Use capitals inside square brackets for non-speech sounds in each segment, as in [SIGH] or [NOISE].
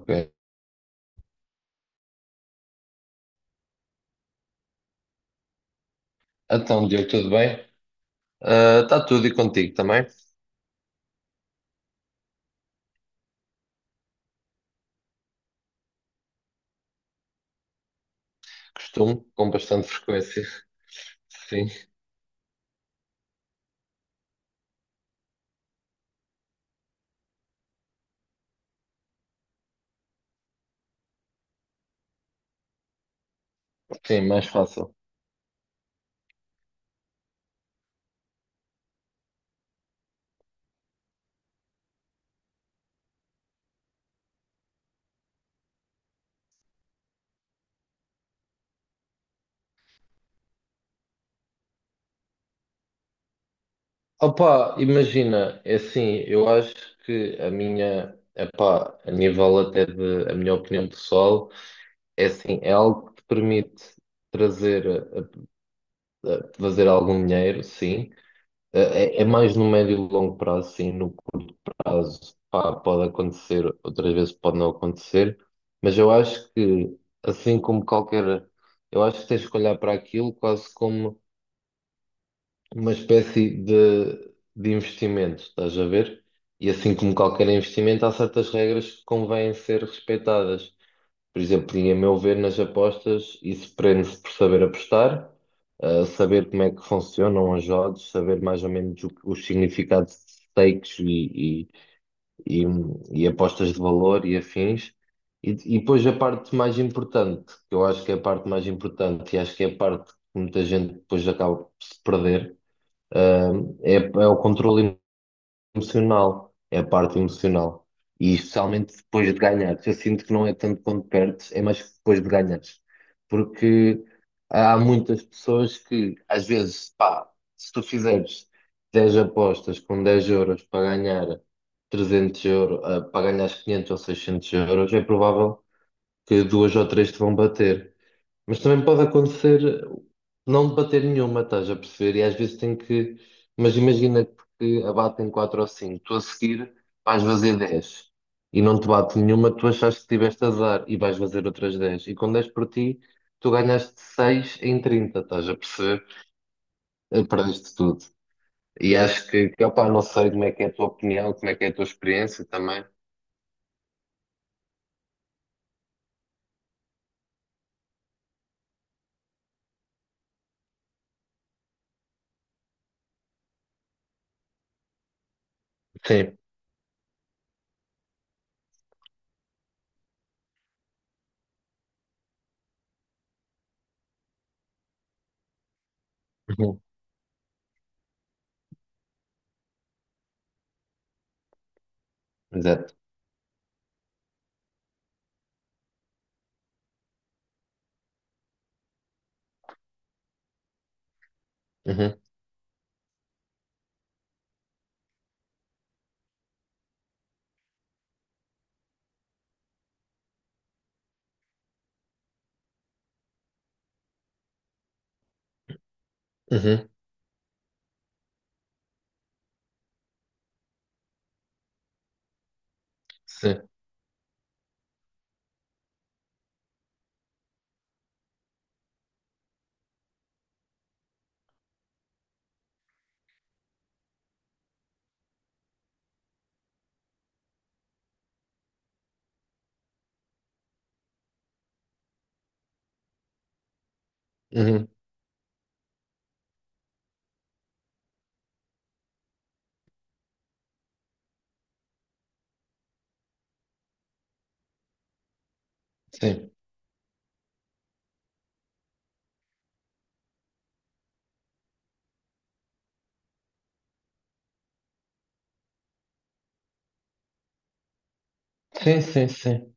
Ok. Então, Diogo, tudo bem? Está tudo e contigo também? Costumo, com bastante frequência. Sim, sim, mais fácil. Opa, imagina, é assim, eu acho que epá, a nível até de, a minha opinião pessoal, é assim, é algo que te permite trazer, fazer algum dinheiro, sim. É, mais no médio e longo prazo, sim, no casos, pá, pode acontecer, outras vezes pode não acontecer, mas eu acho que, assim como qualquer, eu acho que tens que olhar para aquilo quase como uma espécie de investimento, estás a ver? E assim como qualquer investimento, há certas regras que convêm ser respeitadas. Por exemplo, e a meu ver, nas apostas, isso prende-se por saber apostar, saber como é que funcionam os odds, saber mais ou menos os significados de stakes e, e apostas de valor e afins. E, e depois a parte mais importante, que eu acho que é a parte mais importante e acho que é a parte que muita gente depois acaba por se perder, ah, é o controle emocional, é a parte emocional. E especialmente depois de ganhares. Eu sinto que não é tanto quando perdes, é mais depois de ganhares. Porque há muitas pessoas que, às vezes, pá, se tu fizeres 10 apostas com 10 euros para ganhar 300 euros, para ganhar 500 ou 600 euros, é provável que duas ou três te vão bater. Mas também pode acontecer não debater nenhuma, estás a perceber? E às vezes tem que. Mas imagina que abatem 4 ou 5 tu a seguir vais fazer 10 e não te bate nenhuma, tu achaste que tiveste azar e vais fazer outras 10 E com 10 por ti, tu ganhaste 6 em 30, estás a perceber? Perdeste tudo. E acho que opá, não sei como é que é a tua opinião, como é que é a tua experiência também. Sim, Uhum. Exato. Uhum. Uhum. Sim, Uhum. Sim, sim, sim, sim.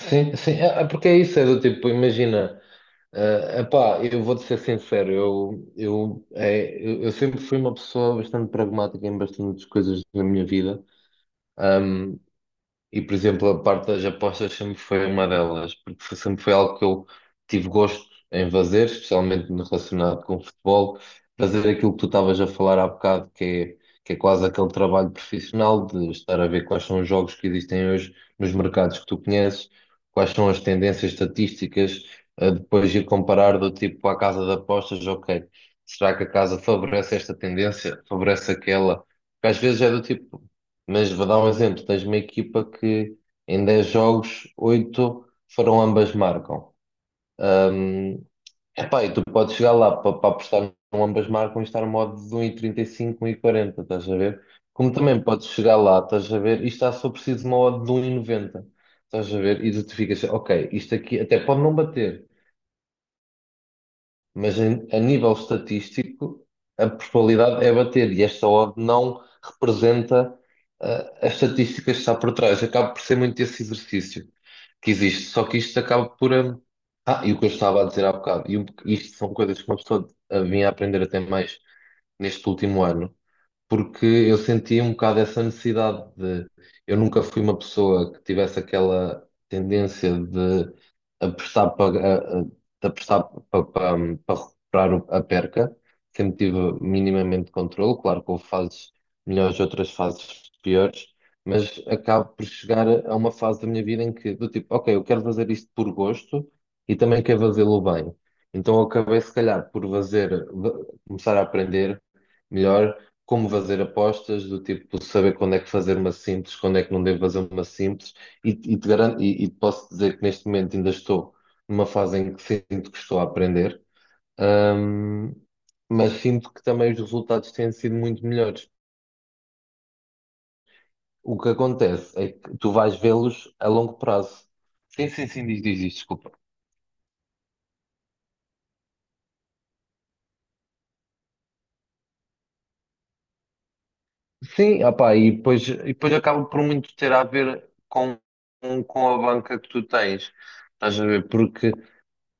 Sim, sim, é porque é isso, é do tipo, imagina. Ah, epá, eu vou-te ser sincero, eu sempre fui uma pessoa bastante pragmática em bastantes coisas na minha vida. E, por exemplo, a parte das apostas sempre foi uma delas, porque sempre foi algo que eu tive gosto em fazer, especialmente no relacionado com o futebol, fazer aquilo que tu estavas a falar há bocado, que é quase aquele trabalho profissional de estar a ver quais são os jogos que existem hoje nos mercados que tu conheces, quais são as tendências estatísticas, a depois ir comparar do tipo à casa de apostas, ok, será que a casa favorece esta tendência, favorece aquela? Porque às vezes é do tipo. Mas vou dar um exemplo: tens uma equipa que em 10 jogos, 8 foram ambas marcam. Hum, Epá, e tu podes chegar lá para apostar num ambas marcam e estar no modo de 1,35, 1,40 estás a ver? Como também podes chegar lá, estás a ver, e está só preciso de uma odd de 1,90 estás a ver? E tu te ficas, ok, isto aqui até pode não bater, mas a nível estatístico a probabilidade é bater e esta odd não representa as estatísticas que está por trás. Acaba por ser muito esse exercício que existe, só que isto acaba por. E o que eu estava a dizer há bocado, e isto são coisas que uma pessoa vinha a aprender até mais neste último ano, porque eu sentia um bocado essa necessidade de. Eu nunca fui uma pessoa que tivesse aquela tendência de apostar para, de apostar para recuperar a perca, sempre tive minimamente controle. Claro que houve fases melhores, outras fases piores, mas acabo por chegar a uma fase da minha vida em que, do tipo, ok, eu quero fazer isto por gosto e também quero fazê-lo bem. Então eu acabei, se calhar, por fazer, começar a aprender melhor como fazer apostas, do tipo saber quando é que fazer uma simples, quando é que não devo fazer uma simples, e te garanto, e te posso dizer que neste momento ainda estou numa fase em que sinto que estou a aprender, hum, mas sinto que também os resultados têm sido muito melhores. O que acontece é que tu vais vê-los a longo prazo. Sim, sim, sim, diz, diz, diz, desculpa. Sim, opá, e depois acaba por muito ter a ver com a banca que tu tens. Estás a ver? Porque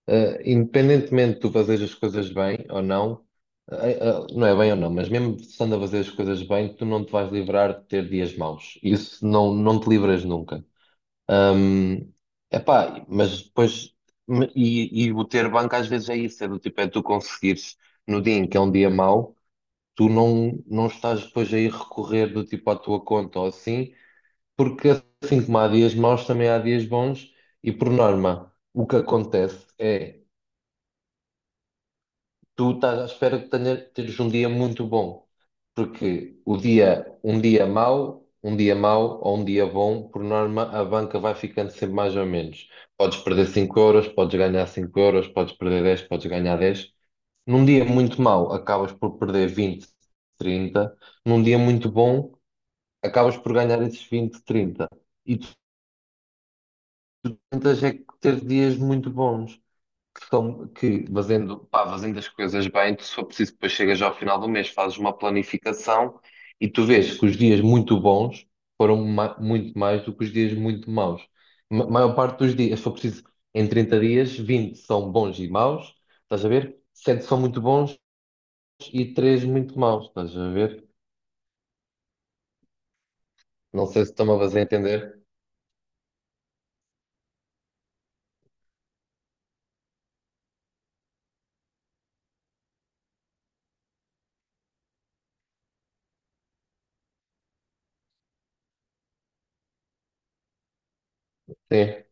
independentemente de tu fazeres as coisas bem ou não, não é bem ou não, mas mesmo estando a fazer as coisas bem, tu não te vais livrar de ter dias maus. Isso não, não te livras nunca. Hum, Epá, mas depois, e o ter banco às vezes é isso, é do tipo, é tu conseguires no dia em que é um dia mau, tu não, não estás depois a ir recorrer do tipo à tua conta ou assim, porque assim como há dias maus, também há dias bons, e por norma, o que acontece é. Tu estás à espera de teres um dia muito bom, porque o dia, um dia mau ou um dia bom, por norma, a banca vai ficando sempre mais ou menos. Podes perder 5 euros, podes ganhar 5 euros, podes perder 10 podes ganhar 10 Num dia muito mau, acabas por perder 20 30 Num dia muito bom, acabas por ganhar esses 20 30 E tu tentas é que ter dias muito bons que, são, que fazendo, pá, fazendo as coisas bem, tu só preciso depois chegas ao final do mês, fazes uma planificação e tu vês que os dias muito bons foram muito mais do que os dias muito maus. Ma maior parte dos dias, só preciso, em 30 dias, 20 são bons e maus, estás a ver? Sete são muito bons e 3 muito maus, estás a ver? Não sei se estão a fazer entender. Sim.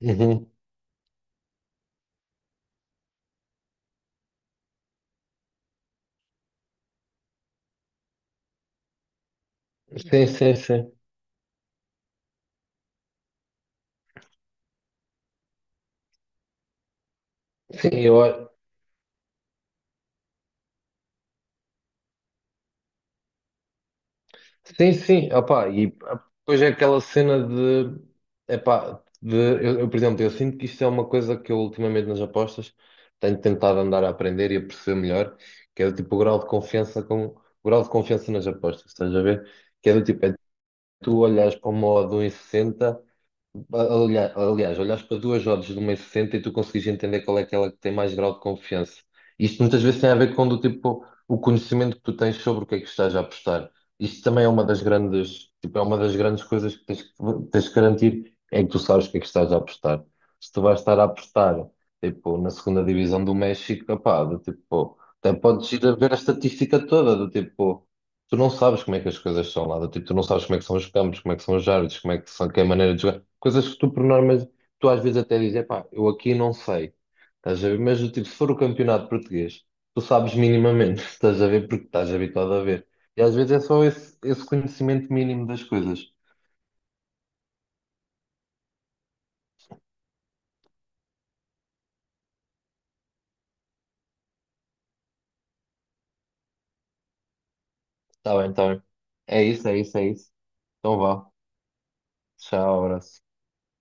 Uhum. Sim, sim, sim. Sim, eu, sim, sim, opá, e depois é aquela cena de, epá, de eu, por exemplo, eu sinto que isto é uma coisa que eu ultimamente nas apostas tenho tentado andar a aprender e a perceber melhor, que é do tipo o grau de confiança com o grau de confiança nas apostas, estás a ver? Que é do tipo, é tu olhas para uma odd de 1,60. Aliás, olhas para duas rodas de um 1,60 e sessenta e tu consegues entender qual é aquela que tem mais grau de confiança. Isto muitas vezes tem a ver com do tipo o conhecimento que tu tens sobre o que é que estás a apostar. Isto também é uma das grandes, tipo, é uma das grandes coisas que tens que garantir é que tu sabes o que é que estás a apostar. Se tu vais estar a apostar, tipo, na segunda divisão do México, opá, do tipo, até podes ir a ver a estatística toda, do tipo, tu não sabes como é que as coisas são lá, do tipo, tu não sabes como é que são os campos, como é que são os árbitros, como é que são, que é a maneira de jogar, coisas que tu por norma, tu às vezes até dizes, epá, eu aqui não sei, estás a ver? Mas do tipo, se for o campeonato português, tu sabes minimamente, [LAUGHS] estás a ver, porque estás habituado a ver. E às vezes é só esse, esse conhecimento mínimo das coisas. Está bem, está bem. É isso, é isso, é isso. Então vá. Tchau, abraço.